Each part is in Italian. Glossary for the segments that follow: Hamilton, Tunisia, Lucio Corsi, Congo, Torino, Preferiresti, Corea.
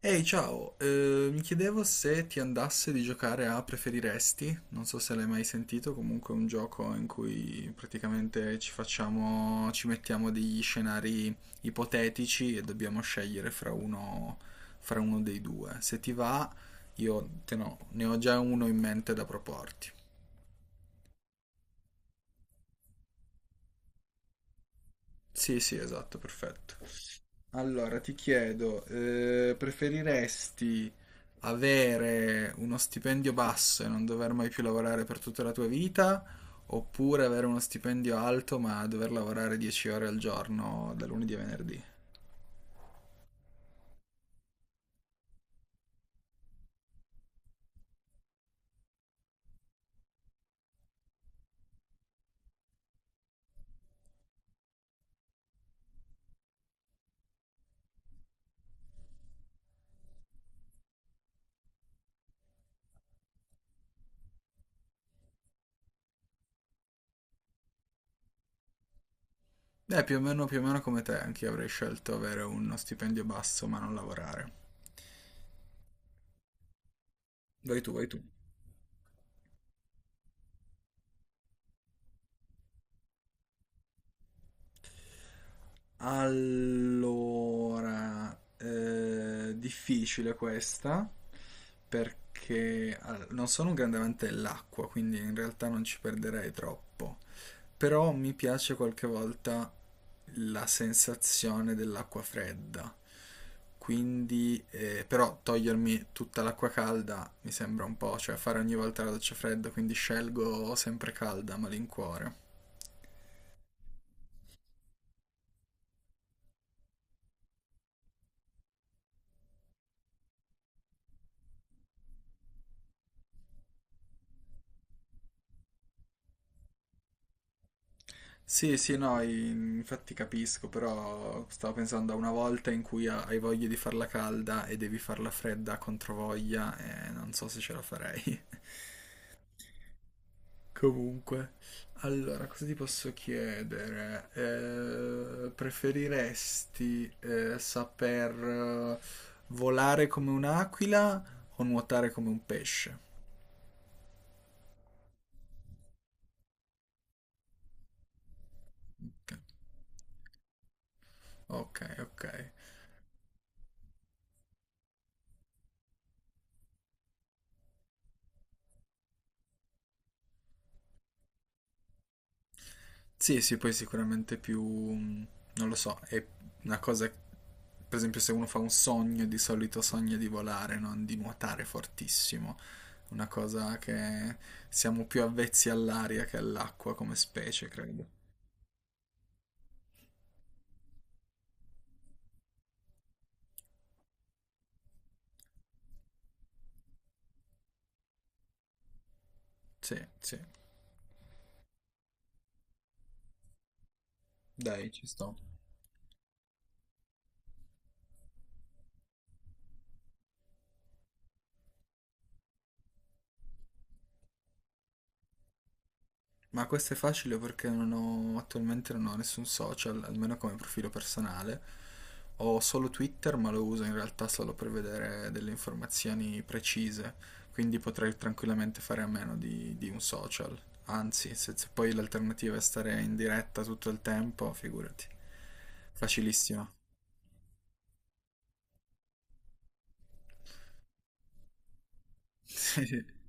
Ehi, ciao, mi chiedevo se ti andasse di giocare a Preferiresti, non so se l'hai mai sentito, comunque è un gioco in cui praticamente ci mettiamo degli scenari ipotetici e dobbiamo scegliere fra uno dei due. Se ti va, io te no, ne ho già uno in mente da proporti. Sì, sì, esatto, perfetto. Allora, ti chiedo, preferiresti avere uno stipendio basso e non dover mai più lavorare per tutta la tua vita, oppure avere uno stipendio alto ma dover lavorare 10 ore al giorno da lunedì a venerdì? Più o meno come te, anche io avrei scelto avere uno stipendio basso ma non lavorare. Vai tu. Allora, difficile questa perché non sono un grande amante dell'acqua, quindi in realtà non ci perderei troppo. Però mi piace qualche volta la sensazione dell'acqua fredda. Quindi, però togliermi tutta l'acqua calda mi sembra un po', cioè fare ogni volta la doccia fredda, quindi scelgo sempre calda a malincuore. Sì, sì, no, infatti capisco, però stavo pensando a una volta in cui hai voglia di farla calda e devi farla fredda contro voglia, e non so se ce la farei. Comunque, allora, cosa ti posso chiedere? Preferiresti saper eh, volare come un'aquila o nuotare come un pesce? Ok, ok. Ok. Sì, sì, poi sicuramente più, non lo so, è una cosa, per esempio se uno fa un sogno, di solito sogna di volare, non di nuotare fortissimo, una cosa che siamo più avvezzi all'aria che all'acqua come specie, credo. Sì, sì, dai, ci sto. Ma questo è facile perché non ho, attualmente non ho nessun social, almeno come profilo personale. Ho solo Twitter, ma lo uso in realtà solo per vedere delle informazioni precise, quindi potrei tranquillamente fare a meno di un social. Anzi, se poi l'alternativa è stare in diretta tutto il tempo, figurati. Facilissima.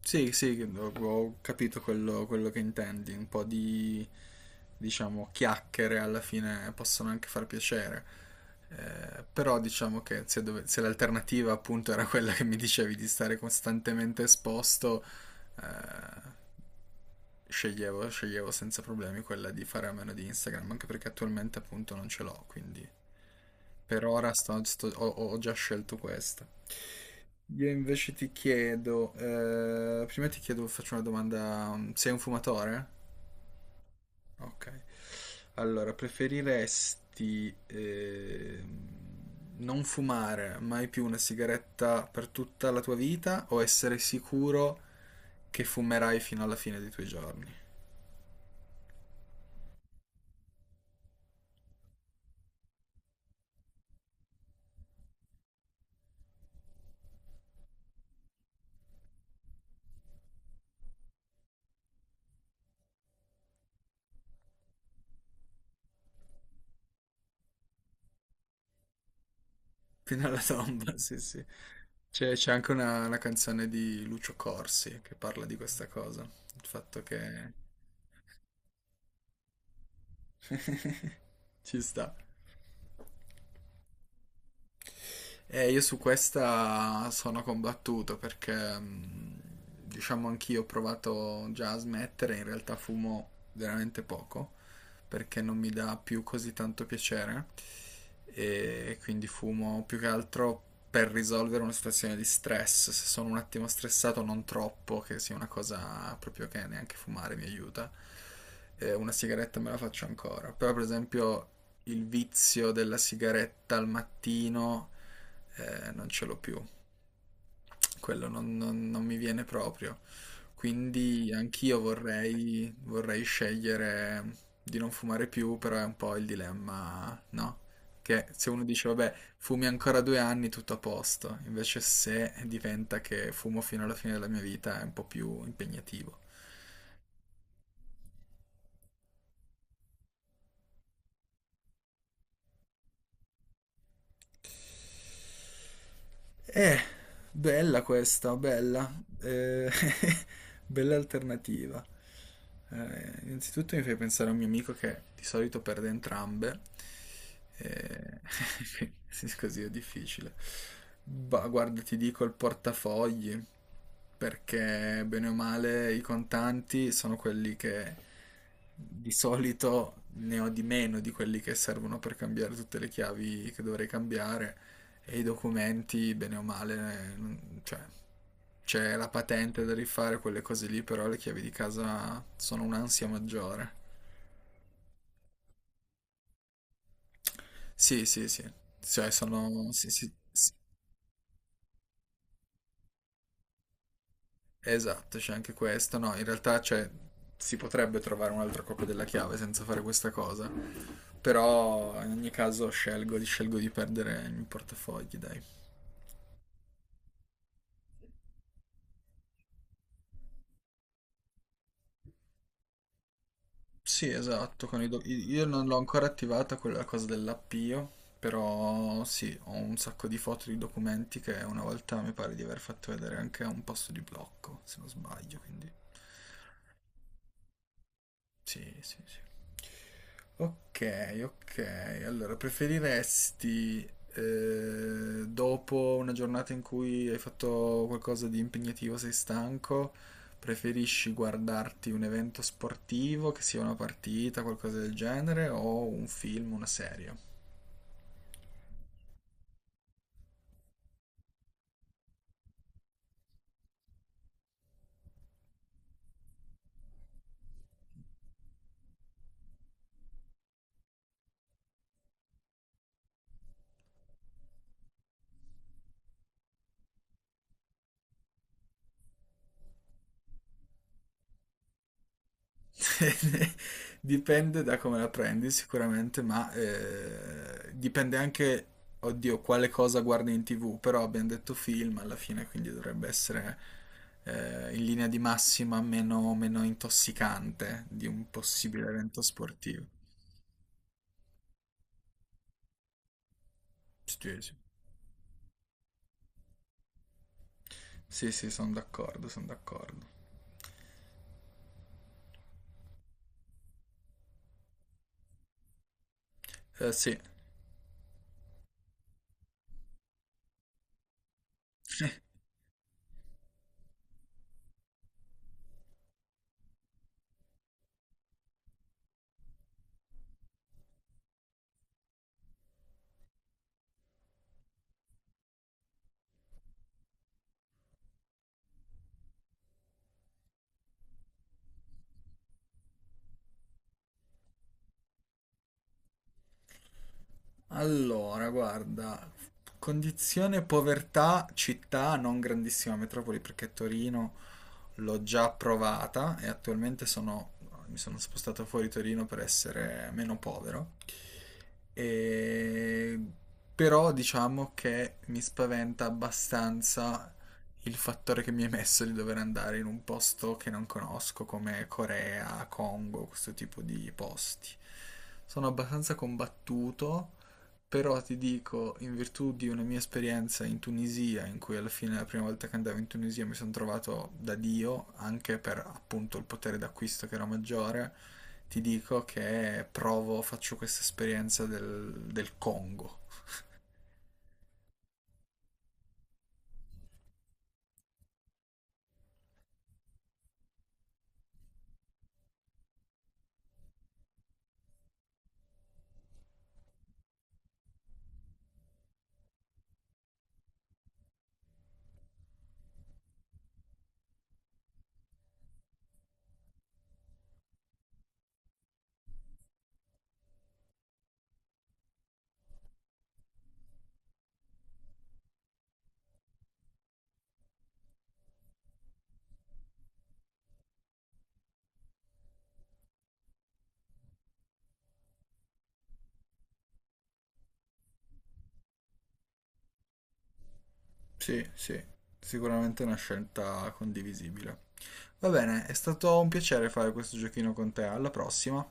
Sì, sì, ho capito quello che intendi, un po' di, diciamo, chiacchiere alla fine possono anche far piacere. Però diciamo che se l'alternativa appunto era quella che mi dicevi di stare costantemente esposto, eh, sceglievo senza problemi quella di fare a meno di Instagram, anche perché attualmente appunto non ce l'ho, quindi per ora ho già scelto questa. Io invece ti chiedo, faccio una domanda, sei un fumatore? Ok. Allora, preferiresti non fumare mai più una sigaretta per tutta la tua vita o essere sicuro che fumerai fino alla fine dei tuoi giorni? Fino alla tomba, sì, sì. C'è anche una canzone di Lucio Corsi che parla di questa cosa, il fatto che ci sta. Io su questa sono combattuto perché, mh, diciamo, anch'io ho provato già a smettere, in realtà fumo veramente poco perché non mi dà più così tanto piacere e quindi fumo più che altro per risolvere una situazione di stress, se sono un attimo stressato non troppo, che sia una cosa proprio che neanche fumare mi aiuta. Una sigaretta me la faccio ancora, però per esempio il vizio della sigaretta al mattino non ce l'ho più, quello non mi viene proprio. Quindi anch'io vorrei scegliere di non fumare più, però è un po' il dilemma, no? Che se uno dice, vabbè, fumi ancora 2 anni, tutto a posto, invece se diventa che fumo fino alla fine della mia vita è un po' più impegnativo. Eh, bella questa, bella. Eh, bella alternativa. Innanzitutto mi fai pensare a un mio amico che di solito perde entrambe. Eh, sì, così è difficile. Ma guarda, ti dico il portafogli, perché bene o male i contanti sono quelli che di solito ne ho di meno di quelli che servono per cambiare tutte le chiavi che dovrei cambiare e i documenti, bene o male, cioè, c'è la patente da rifare, quelle cose lì, però le chiavi di casa sono un'ansia maggiore. Sì, sì, sì, cioè sono... Sì, sì, sì. Esatto, c'è anche questo. No, in realtà cioè, si potrebbe trovare un'altra copia della chiave senza fare questa cosa, però in ogni caso scelgo di perdere i miei portafogli, dai. Sì, esatto, con io non l'ho ancora attivata quella cosa dell'appio, però sì, ho un sacco di foto di documenti che una volta mi pare di aver fatto vedere anche a un posto di blocco, se non sbaglio, quindi sì, sì, sì. Ok, ok. Allora, preferiresti dopo una giornata in cui hai fatto qualcosa di impegnativo, sei stanco, preferisci guardarti un evento sportivo, che sia una partita, qualcosa del genere, o un film, una serie? Dipende da come la prendi sicuramente, ma dipende anche, oddio, quale cosa guardi in TV, però abbiamo detto film alla fine, quindi dovrebbe essere in linea di massima meno intossicante di un possibile evento sportivo. Sì, sì, sì, sono d'accordo, sono d'accordo. Sì. Allora, guarda, condizione povertà, città, non grandissima metropoli perché Torino l'ho già provata e attualmente mi sono spostato fuori Torino per essere meno povero. E... Però diciamo che mi spaventa abbastanza il fattore che mi è messo di dover andare in un posto che non conosco, come Corea, Congo, questo tipo di posti. Sono abbastanza combattuto però ti dico, in virtù di una mia esperienza in Tunisia, in cui alla fine la prima volta che andavo in Tunisia mi sono trovato da Dio, anche per appunto il potere d'acquisto che era maggiore, ti dico che provo, faccio questa esperienza del Congo. Sì, sì, sicuramente è una scelta condivisibile. Va bene, è stato un piacere fare questo giochino con te, alla prossima.